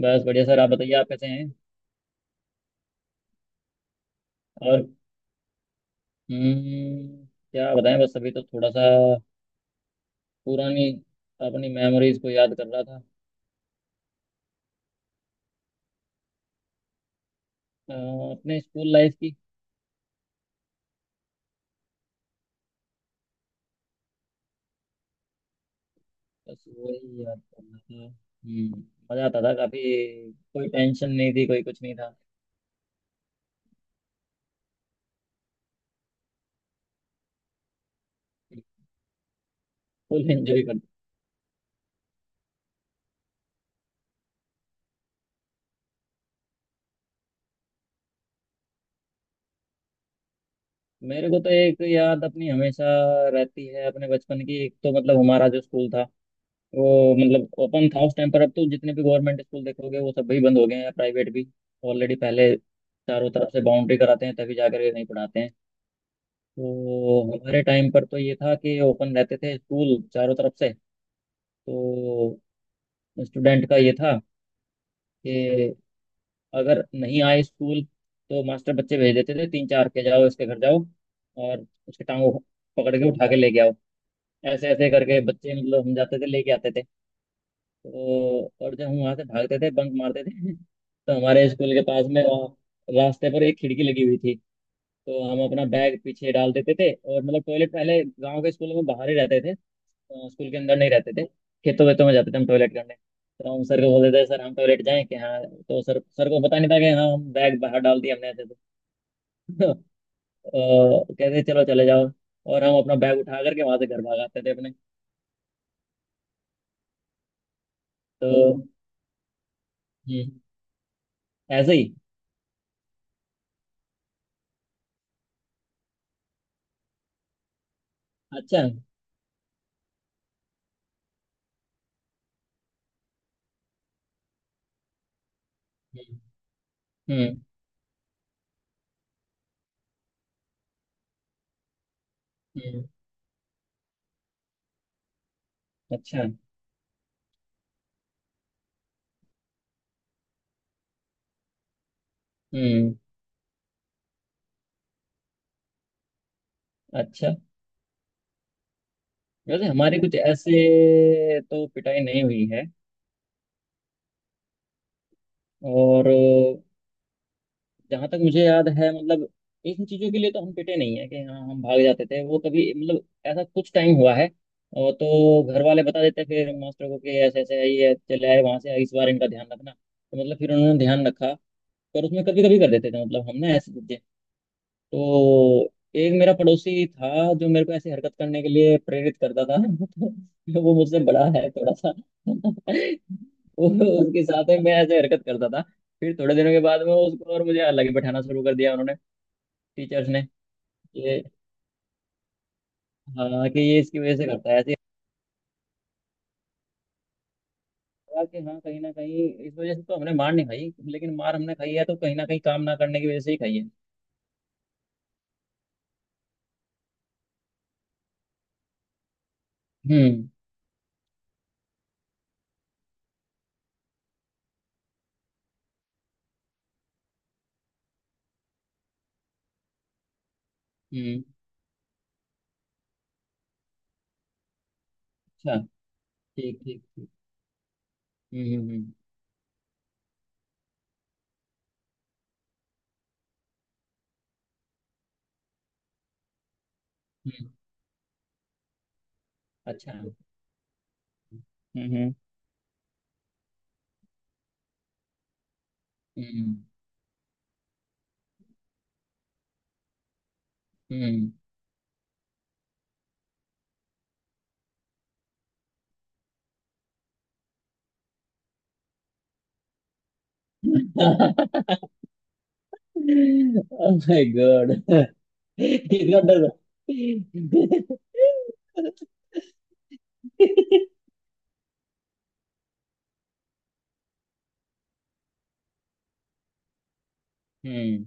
बस बढ़िया सर। आप बताइए, आप कैसे हैं? और हम्म, क्या बताएं, बस अभी तो थोड़ा सा पुरानी अपनी मेमोरीज को याद कर रहा था। अ, अपने स्कूल लाइफ की। बस वही याद कर रहा था। मजा आता था काफी, कोई टेंशन नहीं थी, कोई कुछ नहीं था। फुल एंजॉय करते। मेरे को तो एक याद अपनी हमेशा रहती है अपने बचपन की। एक तो मतलब हमारा जो स्कूल था वो मतलब ओपन था उस टाइम पर। अब तो जितने भी गवर्नमेंट स्कूल देखोगे वो सब भी बंद हो गए हैं या प्राइवेट भी ऑलरेडी पहले चारों तरफ से बाउंड्री कराते हैं तभी जाकर के, नहीं पढ़ाते हैं। तो हमारे टाइम पर तो ये था कि ओपन रहते थे स्कूल चारों तरफ से। तो स्टूडेंट का ये था कि अगर नहीं आए स्कूल तो मास्टर बच्चे भेज देते थे तीन चार के, जाओ इसके घर जाओ और उसके टांगों को पकड़ के उठा के लेके आओ। ऐसे ऐसे करके बच्चे मतलब हम जाते थे लेके आते थे। तो और जब हम वहां से भागते थे बंक मारते थे तो हमारे स्कूल के पास में रास्ते पर एक खिड़की लगी हुई थी। तो हम अपना बैग पीछे डाल देते थे, और मतलब टॉयलेट पहले गांव के स्कूलों में बाहर ही रहते थे, स्कूल के अंदर नहीं रहते थे। खेतों वेतों में जाते थे हम टॉयलेट करने। तो हम सर को बोलते थे सर हम टॉयलेट जाएं कि हाँ, तो सर सर को पता नहीं था कि हाँ, हम बैग बाहर डाल दिया हमने ऐसे। तो कहते चलो चले जाओ। और हम अपना बैग उठा करके वहां से घर भाग आते थे अपने। तो हम्म ऐसे ही। अच्छा। हम्म हम्म हम्म। अच्छा। हम्म। अच्छा। वैसे हमारी कुछ ऐसे तो पिटाई नहीं हुई है। और जहाँ तक मुझे याद है, मतलब इन चीज़ों के लिए तो हम पिटे नहीं है, कि हाँ हम भाग जाते थे वो, कभी मतलब ऐसा कुछ टाइम हुआ है। और तो घर वाले बता देते फिर मास्टर को कि ऐसे ऐसे है, ये चले आए वहाँ से, इस बार इनका ध्यान रखना, तो मतलब फिर उन्होंने ध्यान रखा। पर उसमें कभी कभी कर देते थे मतलब हमने ऐसे। तो एक मेरा पड़ोसी था जो मेरे को ऐसी हरकत करने के लिए प्रेरित करता था तो वो मुझसे बड़ा है थोड़ा सा वो, उसके साथ में मैं ऐसे हरकत करता था। फिर थोड़े दिनों के बाद में उसको और मुझे अलग ही बैठाना शुरू कर दिया उन्होंने, टीचर्स ने। ये, हाँ कि ये इसकी वजह से करता है ऐसे लगा, कि हाँ कहीं ना कहीं इस वजह से तो हमने मार नहीं खाई, लेकिन मार हमने खाई है तो कहीं ना कहीं काम ना करने की वजह से ही खाई है। हम्म हम्म। अच्छा। ठीक ठीक ठीक। हम्म। हम्म, अच्छा। हम्म हम्म। Hmm. Oh my God. He's not the हम्म।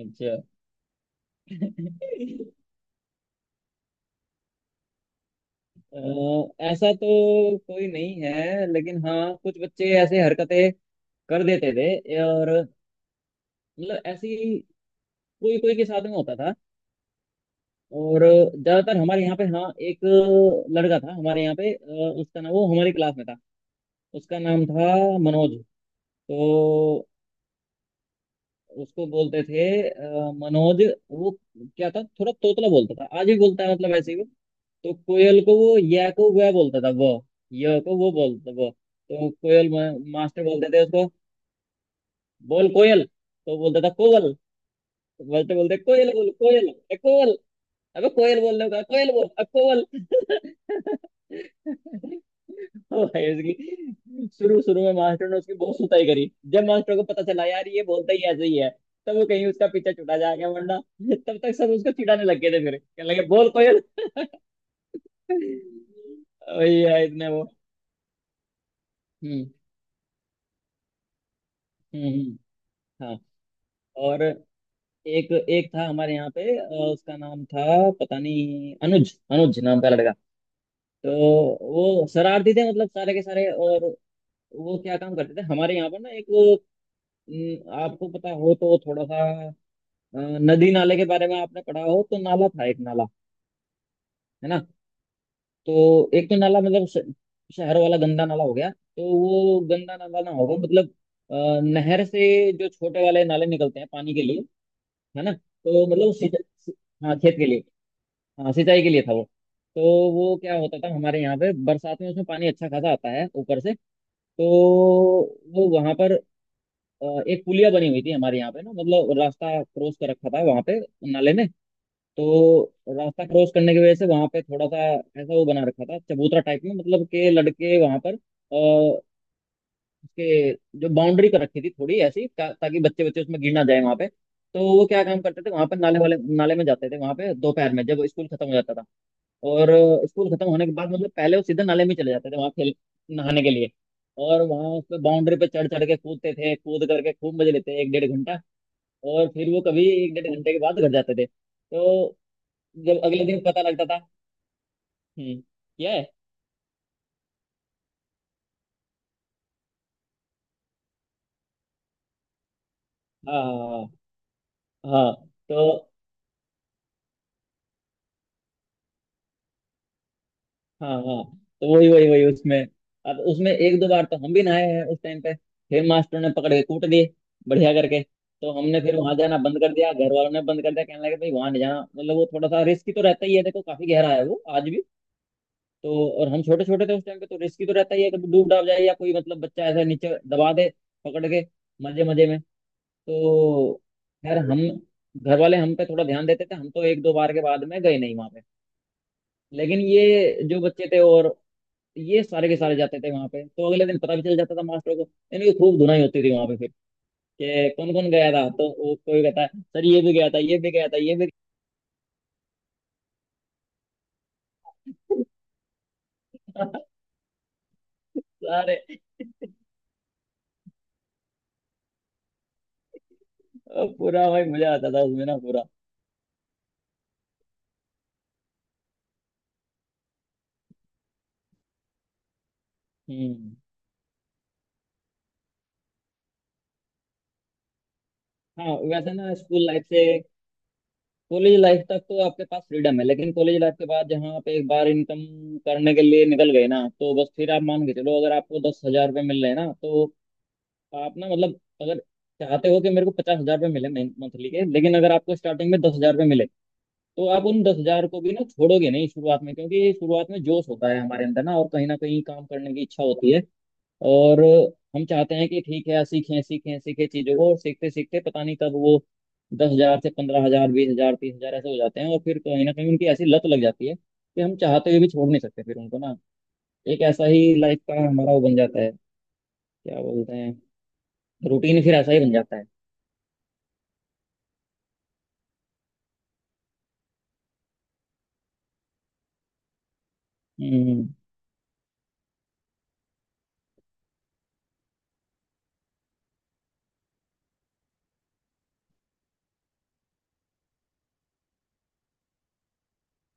अच्छा। अ, ऐसा तो कोई नहीं है, लेकिन हाँ कुछ बच्चे ऐसे हरकतें कर देते थे और मतलब ऐसी कोई कोई के साथ में होता था। और ज्यादातर हमारे यहाँ पे, हाँ एक लड़का था हमारे यहाँ पे, उसका नाम, वो हमारी क्लास में था, उसका नाम था मनोज। तो उसको बोलते थे, मनोज वो क्या था, थोड़ा तोतला बोलता था, आज भी बोलता है मतलब ऐसे ही वो। तो कोयल को वो या को वह बोलता था वो, य को वो बोलता था वो। तो कोयल मास्टर बोलते थे उसको बोल कोयल, तो बोलता था कोवल। तो मास्टर बोलते कोयल बोल कोयल ए कोवल, अबे कोयल बोलने का, कोयल बोल अब, कोयल ओ भाई, उसकी शुरू शुरू में मास्टर ने उसकी बहुत सुताई करी, जब मास्टर को पता चला यार ये बोलता ही ऐसे ही है तब वो कहीं उसका पीछा छुटा जा गया, वरना तब तक सब उसको चिढ़ाने लग गए थे, फिर कहने लगे बोल कोयल वही है इतने वो। हम्म हम्म हम्म, हाँ। और एक एक था हमारे यहाँ पे, उसका नाम था पता नहीं अनुज, अनुज नाम का लड़का। तो वो शरारती थे मतलब सारे के सारे, और वो क्या काम करते थे हमारे यहाँ पर ना एक वो, न, आपको पता हो तो थोड़ा सा, अ, नदी नाले के बारे में आपने पढ़ा हो तो, नाला था एक, नाला है ना। तो एक तो नाला मतलब शहर वाला गंदा नाला हो गया, तो वो गंदा नाला ना होगा, मतलब नहर से जो छोटे वाले नाले निकलते हैं पानी के लिए है ना। तो मतलब सिंचाई, हाँ खेत के लिए, हाँ सिंचाई के लिए था वो। तो वो क्या होता था हमारे यहाँ पे बरसात में, उसमें पानी अच्छा खासा आता है ऊपर से। तो वो वहां पर अ, एक पुलिया बनी हुई थी हमारे यहाँ पे ना, मतलब रास्ता क्रॉस कर रखा था वहां पे नाले ने। तो रास्ता क्रॉस करने की वजह से वहां पे थोड़ा सा ऐसा वो बना रखा था चबूतरा टाइप में, मतलब के लड़के वहां पर अः उसके जो बाउंड्री कर रखी थी थोड़ी ऐसी ताकि बच्चे बच्चे उसमें गिर ना जाए वहां पे। तो वो क्या काम करते थे, वहां पर नाले वाले, नाले में जाते थे वहां पे दोपहर में जब स्कूल खत्म हो जाता था, और स्कूल खत्म होने के बाद मतलब पहले वो सीधा नाले में चले जाते थे वहां खेल, नहाने के लिए। और वहां उस पे बाउंड्री पे चढ़ चढ़ के कूदते थे, कूद करके खूब मजे लेते एक डेढ़ घंटा। और फिर वो कभी एक डेढ़ घंटे के बाद घर जाते थे। तो जब अगले दिन पता लगता था। हम्म, क्या है। हाँ हाँ हाँ। हाँ, हाँ।" तो, हाँ हाँ, तो वही वही वही उसमें, अब उसमें एक दो बार तो हम भी नहाए हैं उस टाइम पे। फिर मास्टर ने पकड़ के कूट दिए बढ़िया करके। तो हमने फिर वहां जाना बंद कर दिया, घर वालों ने बंद कर दिया, कहने लगे भाई वहां नहीं जाना, मतलब वो थोड़ा सा रिस्की तो रहता ही है, देखो काफी गहरा है वो आज भी। तो और हम छोटे छोटे थे उस टाइम पे, तो रिस्की तो रहता ही है, कभी डूब डाब जाए, या कोई मतलब बच्चा ऐसा नीचे दबा दे पकड़ के, मजे मजे में। तो खैर हम, घर वाले हम पे थोड़ा ध्यान देते थे, हम तो एक दो बार के बाद में गए नहीं वहां पे। लेकिन ये जो बच्चे थे, और ये सारे के सारे जाते थे वहां पे, तो अगले दिन पता भी चल जाता था मास्टरों को, इनकी खूब धुनाई होती थी वहां पे फिर, कि कौन कौन गया था, तो वो कोई कहता है सर ये भी गया था, ये भी गया था, ये भी गया था।" सारे, पूरा भाई मजा आता था उसमें ना, पूरा। हम्म। हाँ वैसे ना, स्कूल लाइफ से कॉलेज लाइफ तक तो आपके पास फ्रीडम है, लेकिन कॉलेज लाइफ के बाद जहाँ आप एक बार इनकम करने के लिए निकल गए ना, तो बस फिर आप मान के चलो अगर आपको 10,000 रुपये मिल रहे हैं ना, तो आप ना, मतलब अगर चाहते हो कि मेरे को 50,000 रुपये मिले मंथली के, लेकिन अगर आपको स्टार्टिंग में 10,000 रुपये मिले तो आप उन 10,000 को भी ना छोड़ोगे नहीं शुरुआत में, क्योंकि शुरुआत में जोश होता है हमारे अंदर ना, और कहीं ना कहीं काम करने की इच्छा होती है। और हम चाहते हैं कि ठीक है सीखें सीखें सीखें चीजों को, और सीखते सीखते पता नहीं कब वो 10,000 से 15,000, 20,000, 30,000 ऐसे हो जाते हैं, और फिर कहीं ना कहीं उनकी ऐसी लत लग जाती है कि हम चाहते हुए भी छोड़ नहीं सकते फिर उनको ना। एक ऐसा ही लाइफ का हमारा वो बन जाता है, क्या बोलते हैं, रूटीन, फिर ऐसा ही बन जाता है। हम्म।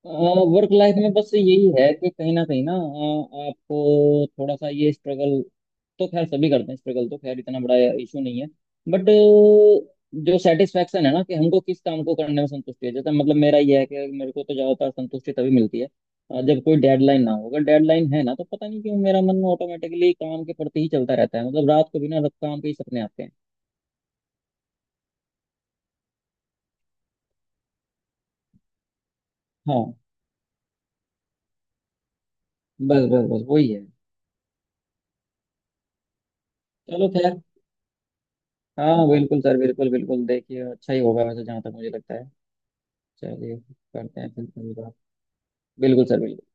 वर्क लाइफ में बस यही है कि कहीं ना कहीं ना, आपको थोड़ा सा ये स्ट्रगल, तो खैर सभी करते हैं स्ट्रगल, तो खैर इतना बड़ा इशू नहीं है, बट जो सेटिस्फेक्शन है ना, कि हमको किस काम को करने में संतुष्टि है, जैसे मतलब मेरा ये है कि मेरे को तो ज्यादातर संतुष्टि तभी मिलती है, जब कोई डेडलाइन ना हो। अगर डेडलाइन है ना तो पता नहीं क्यों मेरा मन ऑटोमेटिकली काम के प्रति ही चलता रहता है, मतलब रात को बिना काम के ही सपने आते हैं। हाँ, बस बस बस वही है। चलो खैर। हाँ बिल्कुल सर, बिल्कुल बिल्कुल, देखिए अच्छा ही होगा वैसे, जहाँ तक मुझे लगता है। चलिए करते हैं फिर कभी बात। बिल्कुल सर, बिल्कुल।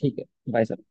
ठीक है। Bye sir.